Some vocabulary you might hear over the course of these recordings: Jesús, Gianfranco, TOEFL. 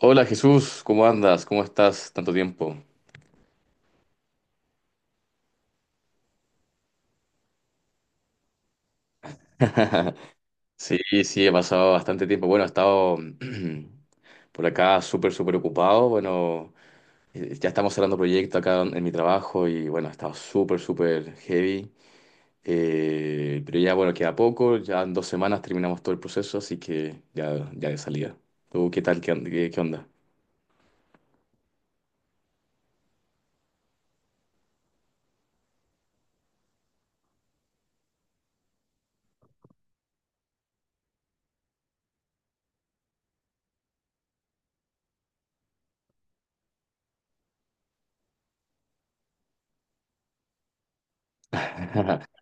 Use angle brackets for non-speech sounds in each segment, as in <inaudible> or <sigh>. Hola Jesús, ¿cómo andas? ¿Cómo estás? Tanto tiempo. <laughs> Sí, sí, he pasado bastante tiempo. Bueno, he estado <clears throat> por acá súper, súper ocupado. Bueno, ya estamos cerrando proyecto acá en mi trabajo y bueno, he estado súper, súper heavy. Pero ya, bueno, queda poco. Ya en 2 semanas terminamos todo el proceso, así que ya, ya de salida. ¿Tú qué tal? ¿ Qué onda? <laughs>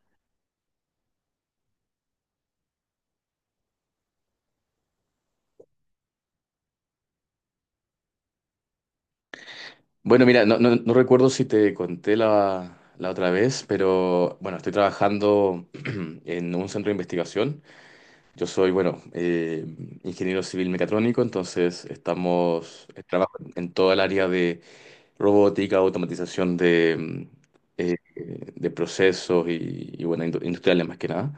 Bueno, mira, no recuerdo si te conté la, la otra vez, pero bueno, estoy trabajando <clears throat> en un centro de investigación. Yo soy, bueno, ingeniero civil mecatrónico, entonces estamos, trabajo en toda el área de robótica, automatización de, eh, de procesos y, bueno, industriales más que nada.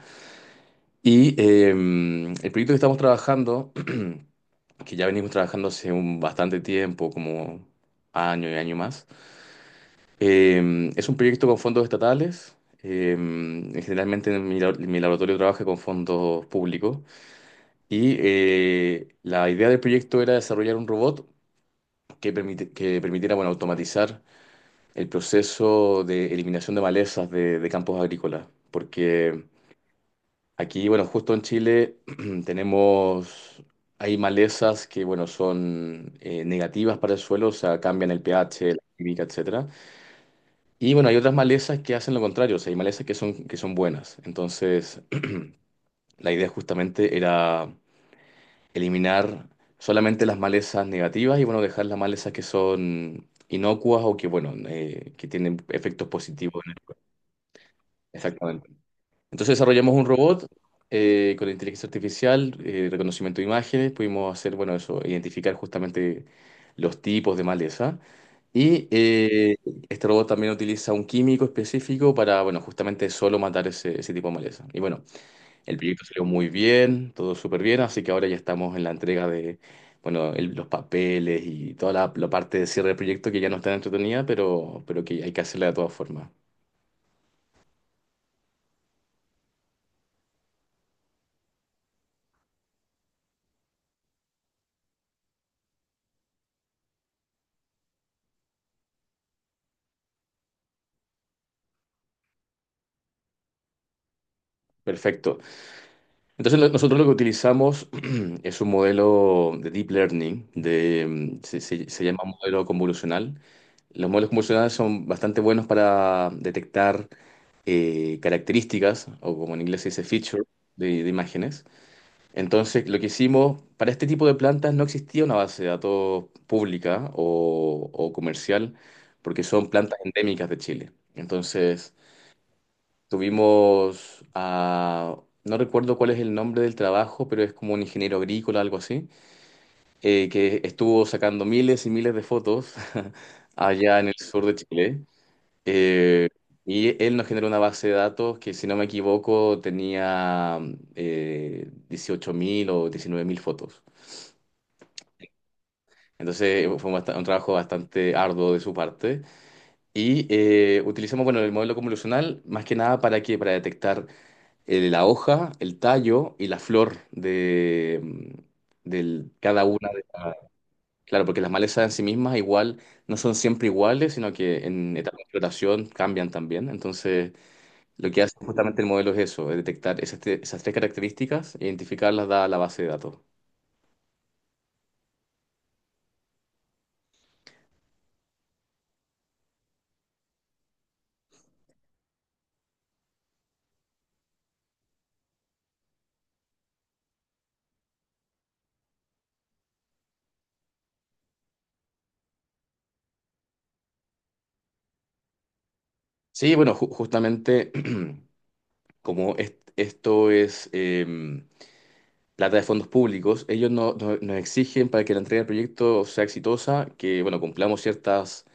Y el proyecto que estamos trabajando, <clears throat> que ya venimos trabajando hace un bastante tiempo, como año y año más, es un proyecto con fondos estatales. eh, Generalmente mi laboratorio trabaja con fondos públicos. Y la idea del proyecto era desarrollar un robot que permitiera bueno, automatizar el proceso de eliminación de malezas de campos agrícolas. Porque aquí, bueno, justo en Chile <clears throat> tenemos, hay malezas que bueno, son negativas para el suelo, o sea, cambian el pH, la química, etcétera. Y bueno, hay otras malezas que hacen lo contrario, o sea, hay malezas que son buenas. Entonces, <clears throat> la idea justamente era eliminar solamente las malezas negativas y bueno, dejar las malezas que son inocuas o que, bueno, que tienen efectos positivos en el cuerpo. Exactamente. Entonces desarrollamos un robot con inteligencia artificial, reconocimiento de imágenes, pudimos hacer, bueno, eso, identificar justamente los tipos de maleza. Y este robot también utiliza un químico específico para, bueno, justamente solo matar ese, ese tipo de maleza. Y bueno, el proyecto salió muy bien, todo súper bien, así que ahora ya estamos en la entrega de, bueno, los papeles y toda la, la parte de cierre del proyecto que ya no está entretenida, pero que hay que hacerla de todas formas. Perfecto. Entonces nosotros lo que utilizamos <clears throat> es un modelo de deep learning, de, se llama modelo convolucional. Los modelos convolucionales son bastante buenos para detectar características, o como en inglés se dice feature, de imágenes. Entonces lo que hicimos, para este tipo de plantas no existía una base de datos pública o comercial, porque son plantas endémicas de Chile. Entonces... Tuvimos a, no recuerdo cuál es el nombre del trabajo, pero es como un ingeniero agrícola, algo así, que estuvo sacando miles y miles de fotos <laughs> allá en el sur de Chile. Eh, y él nos generó una base de datos que, si no me equivoco, tenía 18.000 o 19.000 fotos. Entonces fue un, un trabajo bastante arduo de su parte. Y utilizamos, bueno, el modelo convolucional más que nada para qué, para detectar la hoja, el tallo y la flor de, cada una de las... Claro, porque las malezas en sí mismas igual no son siempre iguales, sino que en etapa de floración cambian también. Entonces, lo que hace justamente el modelo es eso, es detectar esas tres características, e identificarlas, da la base de datos. Sí, bueno, justamente <clears throat> como esto es plata de fondos públicos, ellos nos exigen para que la entrega del proyecto sea exitosa, que bueno, cumplamos ciertas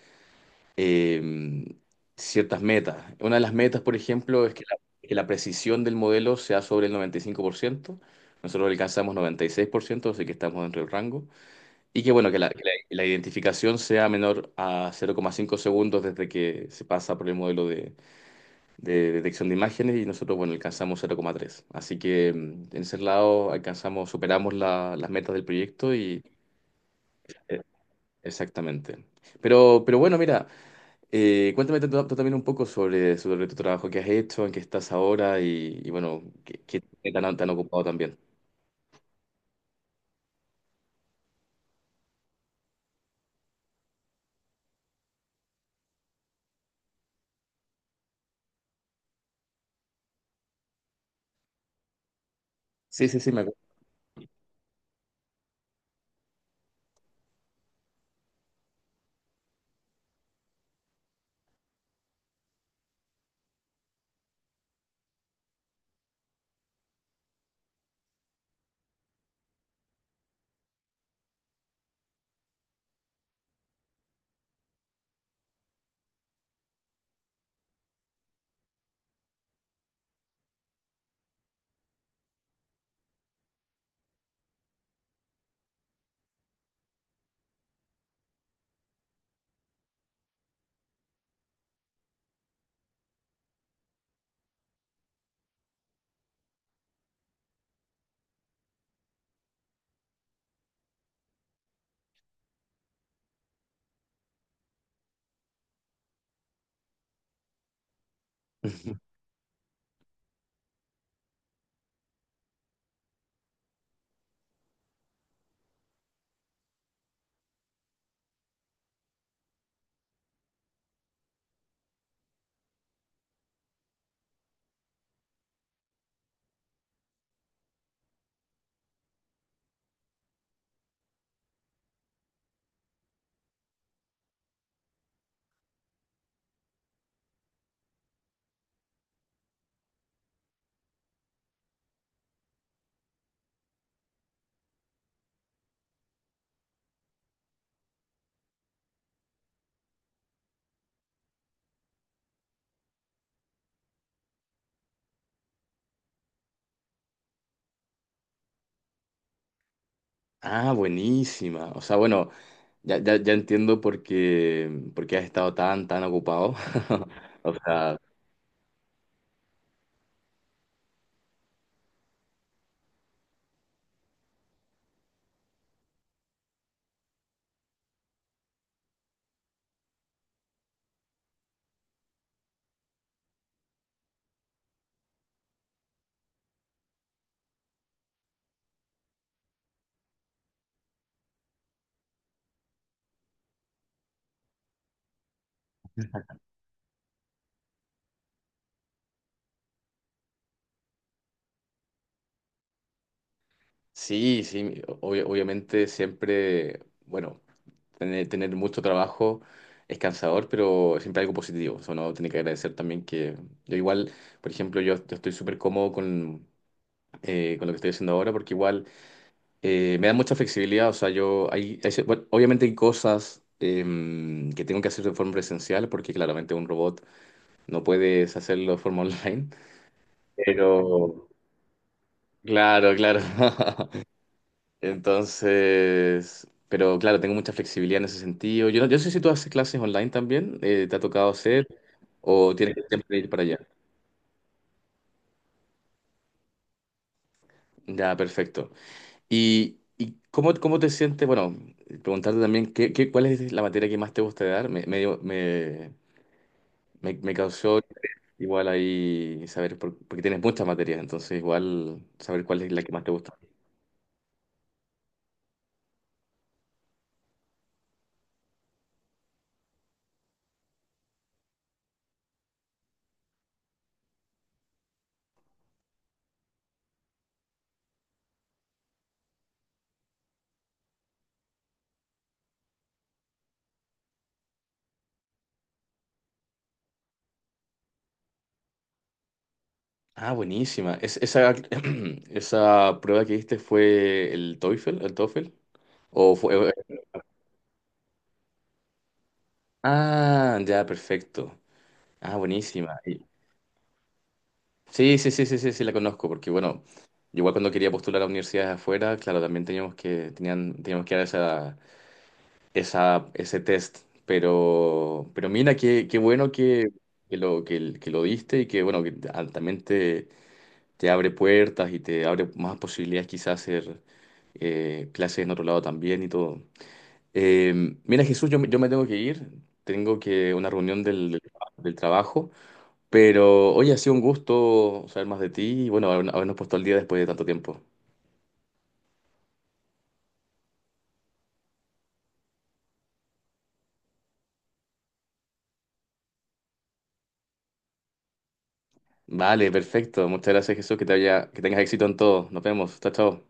eh, ciertas metas. Una de las metas, por ejemplo, es que la precisión del modelo sea sobre el 95%. Nosotros alcanzamos 96%, así que estamos dentro del rango. Y que, bueno, que la, la identificación sea menor a 0,5 segundos desde que se pasa por el modelo de detección de imágenes y nosotros, bueno, alcanzamos 0,3. Así que en ese lado alcanzamos, superamos las metas del proyecto y... eh, Exactamente. Pero bueno, mira, cuéntame tú, tú también un poco sobre, sobre tu trabajo que has hecho, en qué estás ahora y bueno, qué, qué tan, tan ocupado también. Sí, sí, sí, me acuerdo. <laughs> Ah, buenísima. O sea, bueno, ya, ya, ya entiendo por qué has estado tan, tan ocupado. <laughs> O sea, sí, sí, obviamente siempre, bueno, tener, tener mucho trabajo es cansador, pero siempre algo positivo. O sea, uno tiene que agradecer también que yo igual, por ejemplo, yo estoy súper cómodo con lo que estoy haciendo ahora, porque igual me da mucha flexibilidad. O sea, yo, bueno, obviamente hay cosas que tengo que hacer de forma presencial, porque claramente un robot no puedes hacerlo de forma <laughs> online. Pero, claro, claro. <laughs> Entonces, pero claro, tengo mucha flexibilidad en ese sentido. Yo no sé si tú haces clases online también, ¿te ha tocado hacer o tienes que siempre ir para allá? Ya, perfecto. Y cómo, cómo te sientes? Bueno, preguntarte también, ¿ cuál es la materia que más te gusta dar? Me, dio- me causó igual ahí saber, porque tienes muchas materias, entonces igual saber cuál es la que más te gusta. Ah, buenísima. Esa, <clears throat> esa prueba que diste fue el TOEFL, o fue... Ah, ya, perfecto. Ah, buenísima. Sí, sí, sí, sí, sí, sí, la conozco, porque bueno, igual cuando quería postular a universidades afuera, claro, también teníamos que, tenían, teníamos que dar esa, esa, ese test, pero mira, qué, qué bueno que lo diste y que, bueno, que ah, también te abre puertas y te abre más posibilidades quizás hacer clases en otro lado también y todo. Eh, Mira, Jesús, yo me tengo que ir, tengo que una reunión del, del trabajo. Pero, oye, ha sido un gusto saber más de ti y bueno, habernos puesto al día después de tanto tiempo. Vale, perfecto. Muchas gracias, Jesús. Que te haya, que tengas éxito en todo. Nos vemos. Chao, chao.